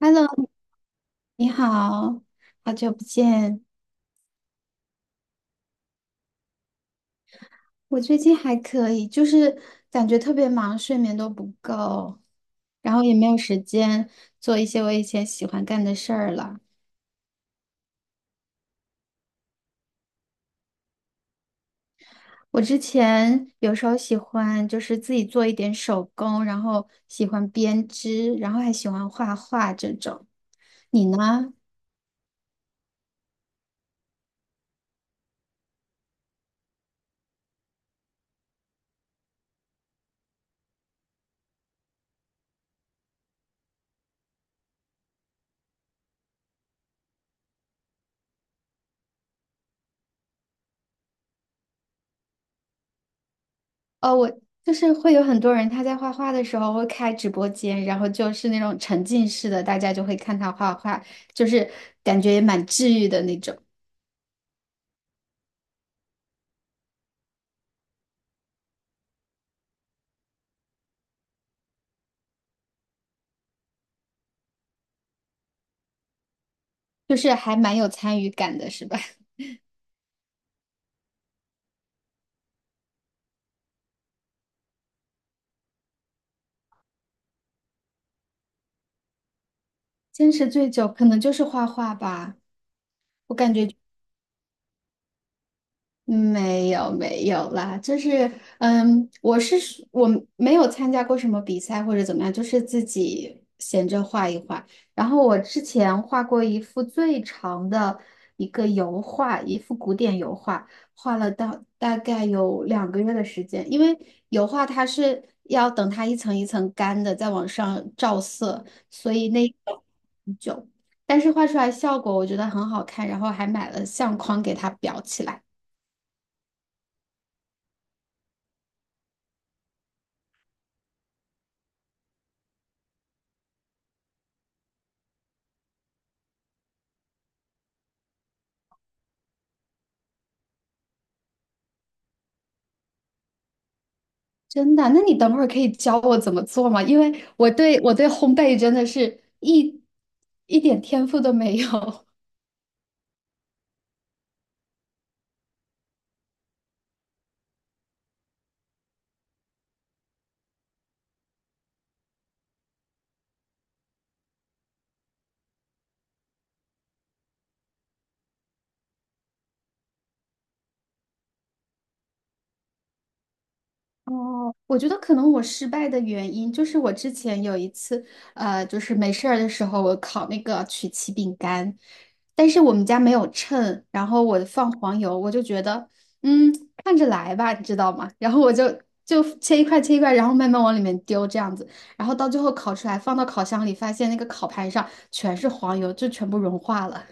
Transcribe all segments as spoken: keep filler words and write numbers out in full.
Hello，你好，好久不见。我最近还可以，就是感觉特别忙，睡眠都不够，然后也没有时间做一些我以前喜欢干的事儿了。我之前有时候喜欢就是自己做一点手工，然后喜欢编织，然后还喜欢画画这种。你呢？哦，我就是会有很多人他在画画的时候会开直播间，然后就是那种沉浸式的，大家就会看他画画，就是感觉也蛮治愈的那种，就是还蛮有参与感的，是吧？坚持最久可能就是画画吧。没有没有啦，就是嗯，我是属我没有参加过什么比赛或者怎么样，就是自己闲着画一画。然后我之前画过一幅最长的一个油画，一幅古典油画，画了到大概有两个月的时间，因为油画它是要等它一层一层干的，再往上照色，所以那个很久。但是画出来效果我觉得很好看，然后还买了相框给它裱起来。真的？那你等会儿可以教我怎么做吗？因为我对我对烘焙真的是一一点天赋都没有。哦，我觉得可能我失败的原因就是我之前有一次，呃，就是没事儿的时候，我烤那个曲奇饼干，但是我们家没有秤，然后我放黄油，我就觉得，嗯，看着来吧，你知道吗？然后我就就切一块切一块，然后慢慢往里面丢这样子，然后到最后烤出来，放到烤箱里，发现那个烤盘上全是黄油，就全部融化了。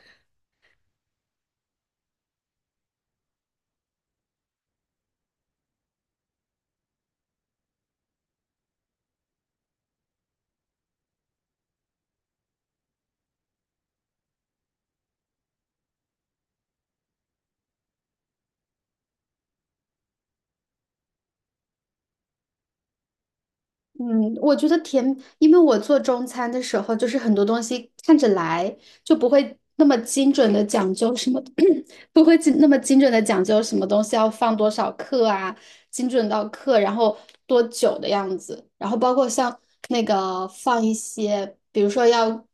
嗯，我觉得甜，因为我做中餐的时候，就是很多东西看着来就不会那么精准的讲究什么，不会精那么精准的讲究什么东西要放多少克啊，精准到克，然后多久的样子，然后包括像那个放一些，比如说要，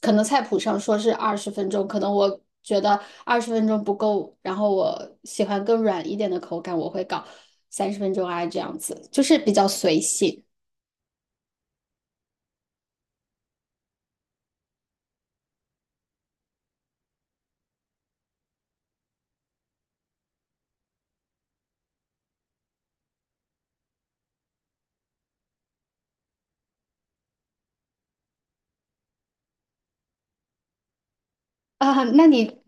可能菜谱上说是二十分钟，可能我觉得二十分钟不够，然后我喜欢更软一点的口感，我会搞三十分钟啊，这样子，就是比较随性。啊，那你，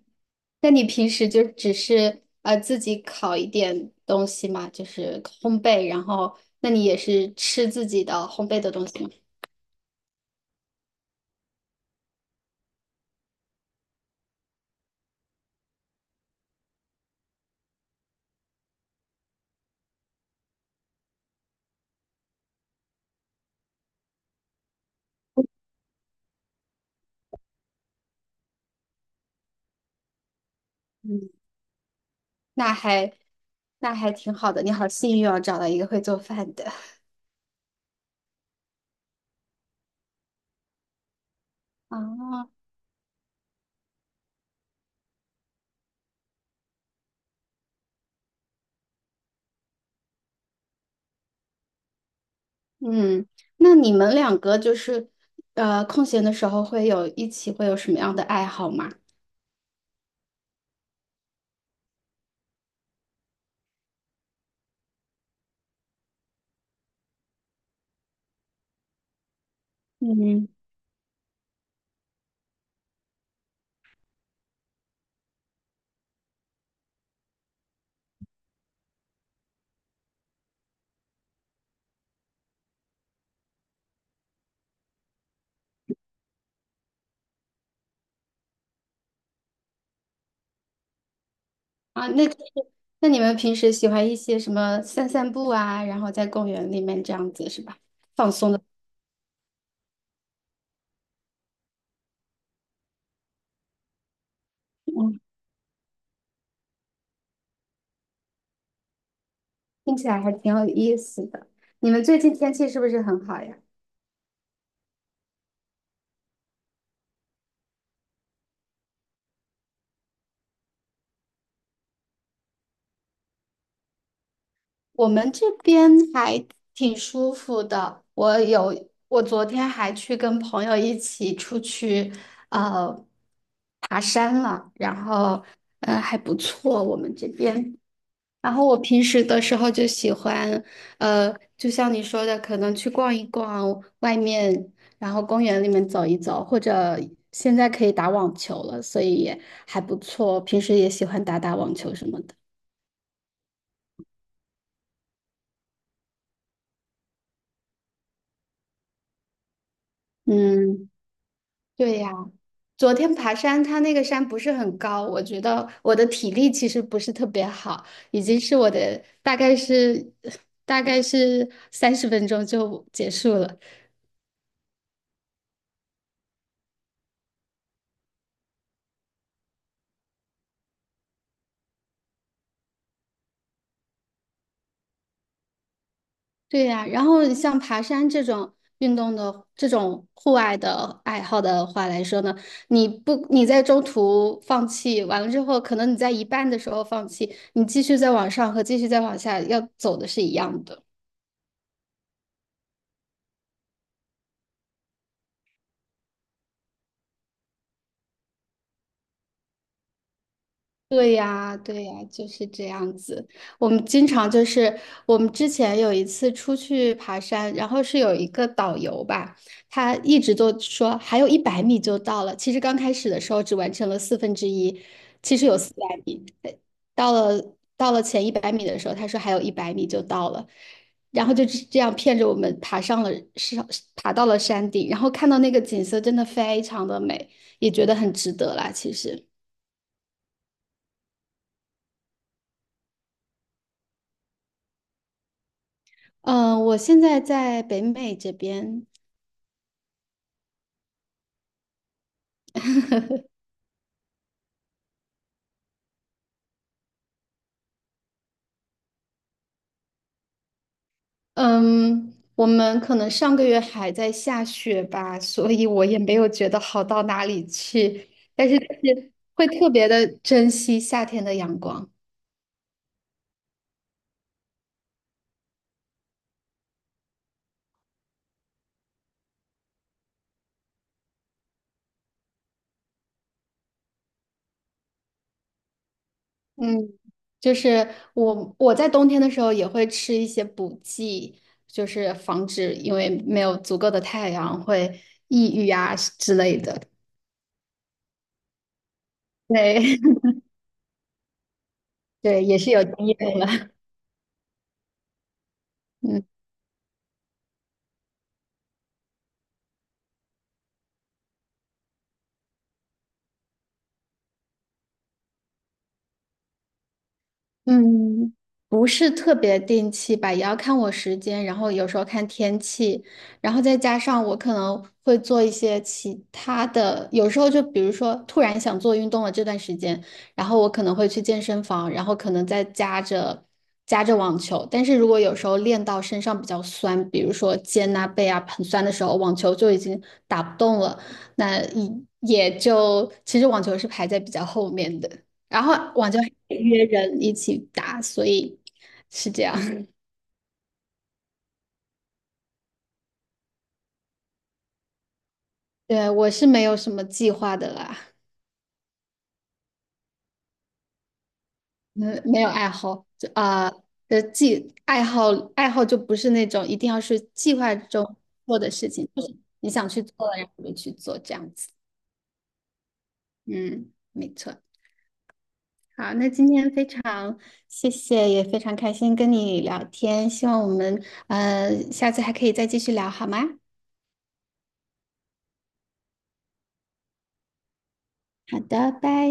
那你平时就只是呃自己烤一点东西嘛，就是烘焙，然后那你也是吃自己的烘焙的东西吗？嗯，那还那还挺好的，你好幸运哦，找到一个会做饭的。啊，嗯，那你们两个就是呃空闲的时候会有一起会有什么样的爱好吗？嗯，啊，那就是那你们平时喜欢一些什么散散步啊，然后在公园里面这样子是吧？放松的。听起来还挺有意思的。你们最近天气是不是很好呀？我们这边还挺舒服的。我有，我昨天还去跟朋友一起出去，呃，爬山了，然后，呃，还不错。我们这边，然后我平时的时候就喜欢，呃，就像你说的，可能去逛一逛外面，然后公园里面走一走，或者现在可以打网球了，所以也还不错。平时也喜欢打打网球什么的。嗯，对呀。昨天爬山，它那个山不是很高，我觉得我的体力其实不是特别好，已经是我的大概是 大概是三十分钟就结束了。对呀，然后你像爬山这种运动的这种户外的爱好的话来说呢，你不你在中途放弃完了之后，可能你在一半的时候放弃，你继续再往上和继续再往下要走的是一样的。对呀，对呀，就是这样子。我们经常就是我们之前有一次出去爬山，然后是有一个导游吧，他一直都说还有一百米就到了。其实刚开始的时候只完成了四分之一，其实有四百米。呃到了到了前一百米的时候，他说还有一百米就到了，然后就这这样骗着我们爬上了上爬到了山顶，然后看到那个景色真的非常的美，也觉得很值得啦，其实。嗯，呃我现在在北美这边，嗯，我们可能上个月还在下雪吧，所以我也没有觉得好到哪里去，但是就是会特别的珍惜夏天的阳光。嗯，就是我我在冬天的时候也会吃一些补剂，就是防止因为没有足够的太阳会抑郁啊之类的。对 对，也是有经验了。嗯嗯，不是特别定期吧，也要看我时间，然后有时候看天气，然后再加上我可能会做一些其他的，有时候就比如说突然想做运动了这段时间，然后我可能会去健身房，然后可能再加着加着网球，但是如果有时候练到身上比较酸，比如说肩啊背啊很酸的时候，网球就已经打不动了，那也也就其实网球是排在比较后面的。然后我就约人一起打，所以是这样。对，我是没有什么计划的啦，嗯，没有爱好，就啊，的计爱好爱好就不是那种一定要是计划中做的事情，就是你想去做了，然后就去做这样子。嗯，没错。好，那今天非常谢谢，也非常开心跟你聊天，希望我们呃下次还可以再继续聊，好吗？好的，拜。